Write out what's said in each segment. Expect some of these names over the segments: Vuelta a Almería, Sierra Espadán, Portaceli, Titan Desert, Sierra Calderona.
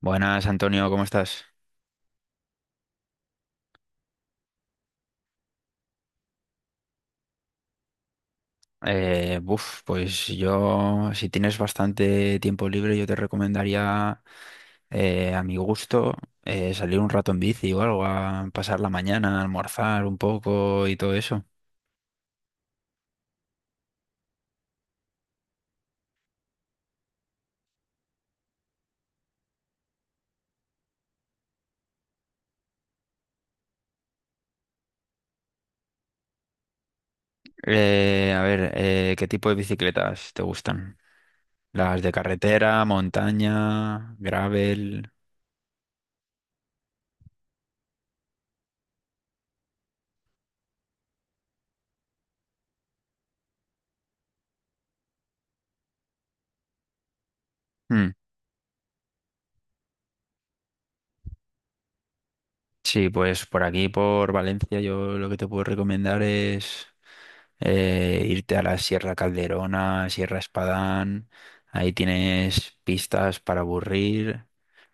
Buenas, Antonio, ¿cómo estás? Buf, pues yo, si tienes bastante tiempo libre, yo te recomendaría, a mi gusto, salir un rato en bici o algo, a pasar la mañana, a almorzar un poco y todo eso. A ver, ¿qué tipo de bicicletas te gustan? ¿Las de carretera, montaña, gravel? Hmm. Sí, pues por aquí, por Valencia, yo lo que te puedo recomendar es irte a la Sierra Calderona, Sierra Espadán. Ahí tienes pistas para aburrir,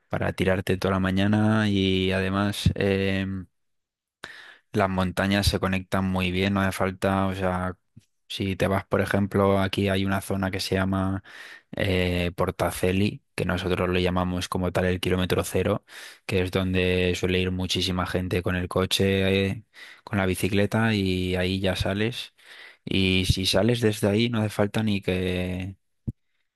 para tirarte toda la mañana y además las montañas se conectan muy bien, no hace falta, o sea, si te vas, por ejemplo, aquí hay una zona que se llama Portaceli, que nosotros le llamamos como tal el kilómetro cero, que es donde suele ir muchísima gente con el coche, con la bicicleta, y ahí ya sales. Y si sales desde ahí no hace falta ni que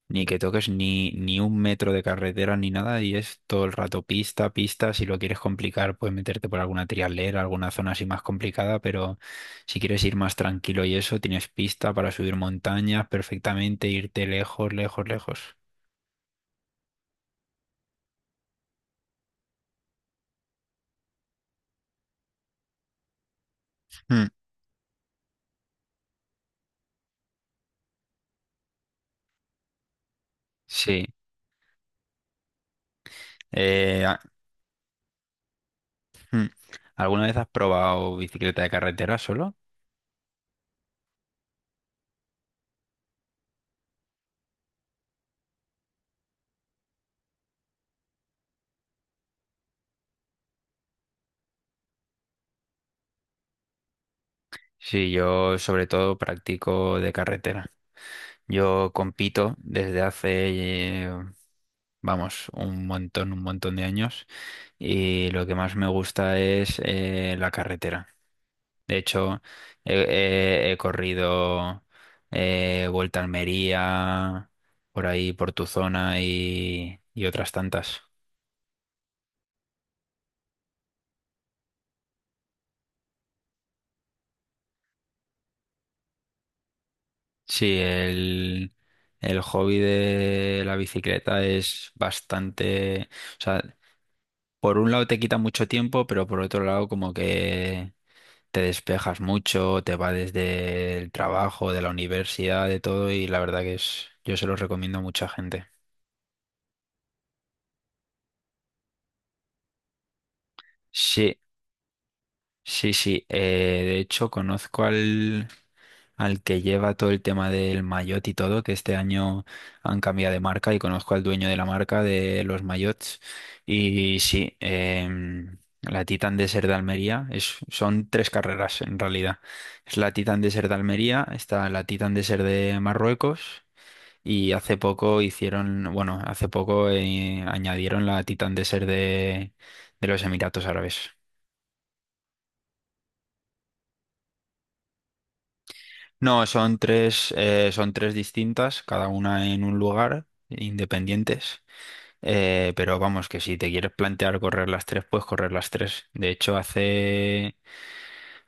ni que toques ni un metro de carretera ni nada, y es todo el rato pista, pista. Si lo quieres complicar, puedes meterte por alguna trialera, alguna zona así más complicada, pero si quieres ir más tranquilo y eso, tienes pista para subir montañas perfectamente, irte lejos, lejos, lejos. Mm, sí. Eh, a- mm. ¿Alguna vez has probado bicicleta de carretera solo? Sí, yo sobre todo practico de carretera. Yo compito desde hace, vamos, un montón de años, y lo que más me gusta es la carretera. De hecho, he, he corrido Vuelta a Almería, por ahí, por tu zona, y otras tantas. Sí, el hobby de la bicicleta es bastante... O sea, por un lado te quita mucho tiempo, pero por otro lado como que te despejas mucho, te va desde el trabajo, de la universidad, de todo, y la verdad que es, yo se los recomiendo a mucha gente. Sí, sí, sí. De hecho, conozco al que lleva todo el tema del maillot y todo, que este año han cambiado de marca, y conozco al dueño de la marca de los maillots. Y sí, la Titan Desert de Almería es, son tres carreras en realidad. Es la Titan Desert de Almería, está la Titan Desert de Marruecos, y hace poco hicieron, bueno, hace poco añadieron la Titan Desert de los Emiratos Árabes. No, son tres distintas, cada una en un lugar, independientes. Pero vamos, que si te quieres plantear correr las tres, puedes correr las tres. De hecho,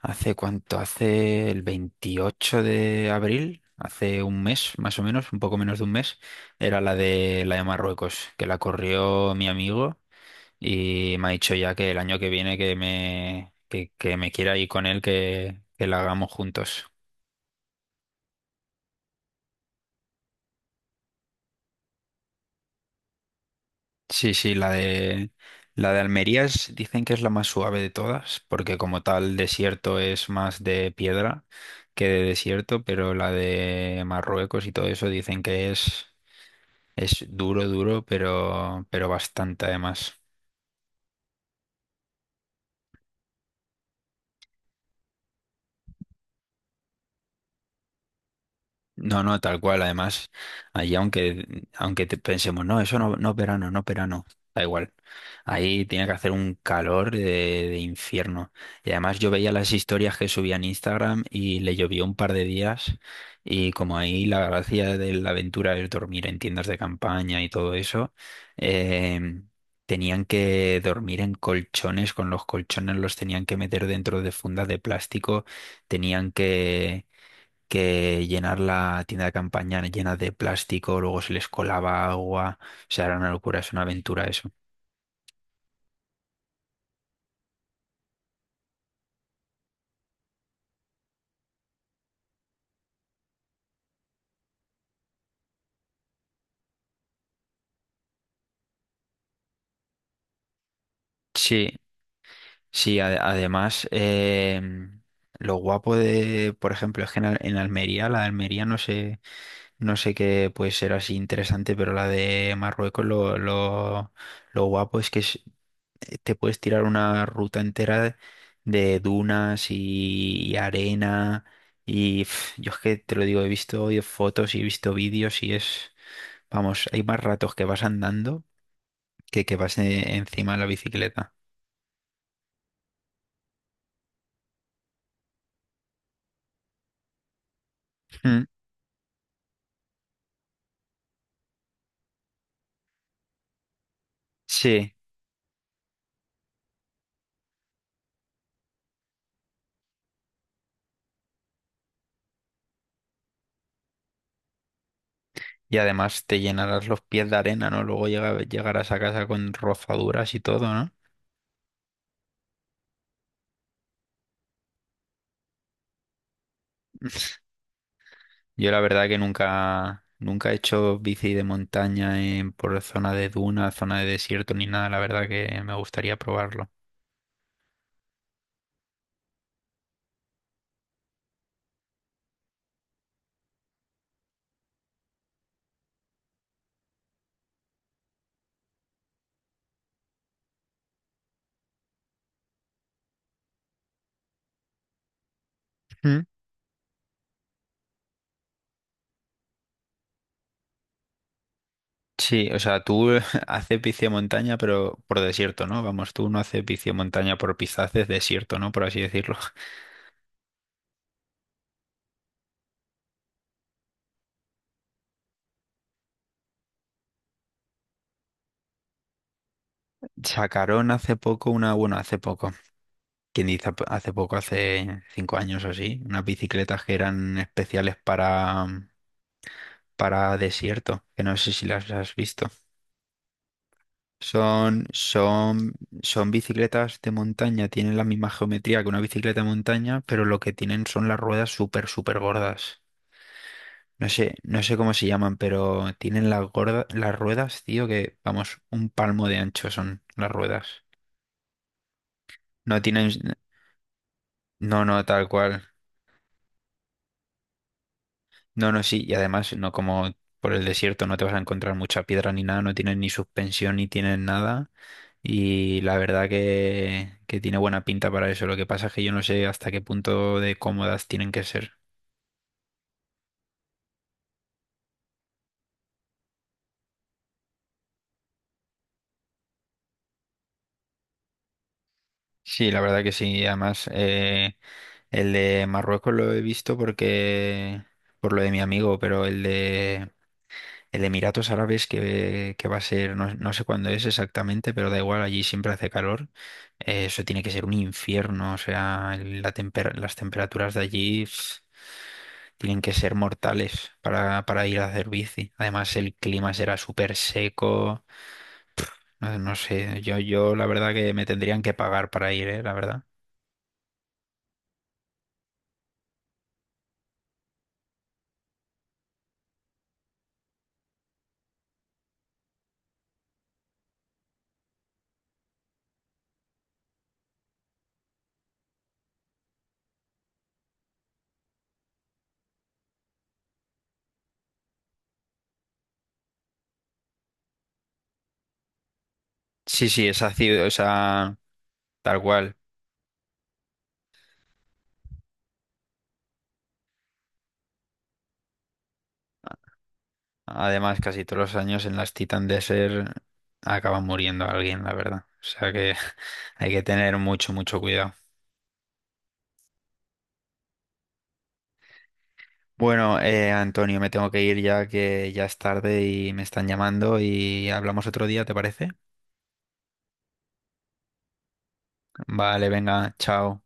hace cuánto, hace el 28 de abril, hace un mes más o menos, un poco menos de un mes, era la de, la de Marruecos, que la corrió mi amigo. Y me ha dicho ya que el año que viene que me quiera ir con él, que la hagamos juntos. Sí, sí, la de Almería es- dicen que es la más suave de todas, porque como tal desierto es más de piedra que de desierto, pero la de Marruecos y todo eso dicen que es duro, duro, pero bastante además. No, no, tal cual. Además, allí aunque te pensemos, no, eso no es verano, no es verano, da igual. Ahí tiene que hacer un calor de infierno. Y además yo veía las historias que subía en Instagram y le llovió un par de días. Y como ahí la gracia de la aventura es dormir en tiendas de campaña y todo eso, eh, tenían que dormir en colchones, con los colchones los tenían que meter dentro de fundas de plástico, tenían que llenar la tienda de campaña llena de plástico, luego se les colaba agua, o sea, era una locura, es una aventura eso. Sí, sí, además, lo guapo de, por ejemplo, es que en Almería, la de Almería no sé, no sé qué puede ser así interesante, pero la de Marruecos lo guapo es que te puedes tirar una ruta entera de dunas y arena, y pf, yo es que te lo digo, he visto fotos y he visto vídeos y es, vamos, hay más ratos que vas andando que vas encima de la bicicleta. Mm, sí, y además te llenarás los pies de arena, ¿no? Luego llegarás a casa con rozaduras y todo, ¿no? Yo la verdad que nunca, nunca he hecho bici de montaña en, por zona de duna, zona de desierto ni nada. La verdad que me gustaría probarlo. Mm. Sí, o sea, tú haces bici de montaña, pero por desierto, ¿no? Vamos, tú no haces bici de montaña por pista, haces desierto, ¿no? Por así decirlo. Sacaron hace poco una, bueno, hace poco, quien dice hace poco, hace 5 años o así, unas bicicletas que eran especiales para desierto, que no sé si las has visto. Son, son, son bicicletas de montaña, tienen la misma geometría que una bicicleta de montaña, pero lo que tienen son las ruedas súper, súper gordas. No sé, no sé cómo se llaman, pero tienen las las ruedas, tío, que vamos, un palmo de ancho son las ruedas. No tienen, no, no, tal cual. No, no, sí, y además, no como por el desierto no te vas a encontrar mucha piedra ni nada, no tienen ni suspensión ni tienen nada. Y la verdad que tiene buena pinta para eso. Lo que pasa es que yo no sé hasta qué punto de cómodas tienen que ser. Sí, la verdad que sí. Además, el de Marruecos lo he visto porque por lo de mi amigo, pero el de Emiratos Árabes que va a ser, no, no sé cuándo es exactamente, pero da igual, allí siempre hace calor. Eso tiene que ser un infierno. O sea, la las temperaturas de allí tienen que ser mortales para, ir a hacer bici. Además, el clima será súper seco. No, no sé, yo la verdad que me tendrían que pagar para ir, ¿eh? La verdad. Sí, sí, es ácido, o sea, tal cual. Además, casi todos los años en las Titan Desert acaba muriendo alguien, la verdad. O sea que hay que tener mucho, mucho cuidado. Bueno, Antonio, me tengo que ir ya que ya es tarde y me están llamando, y hablamos otro día, ¿te parece? Vale, venga, chao.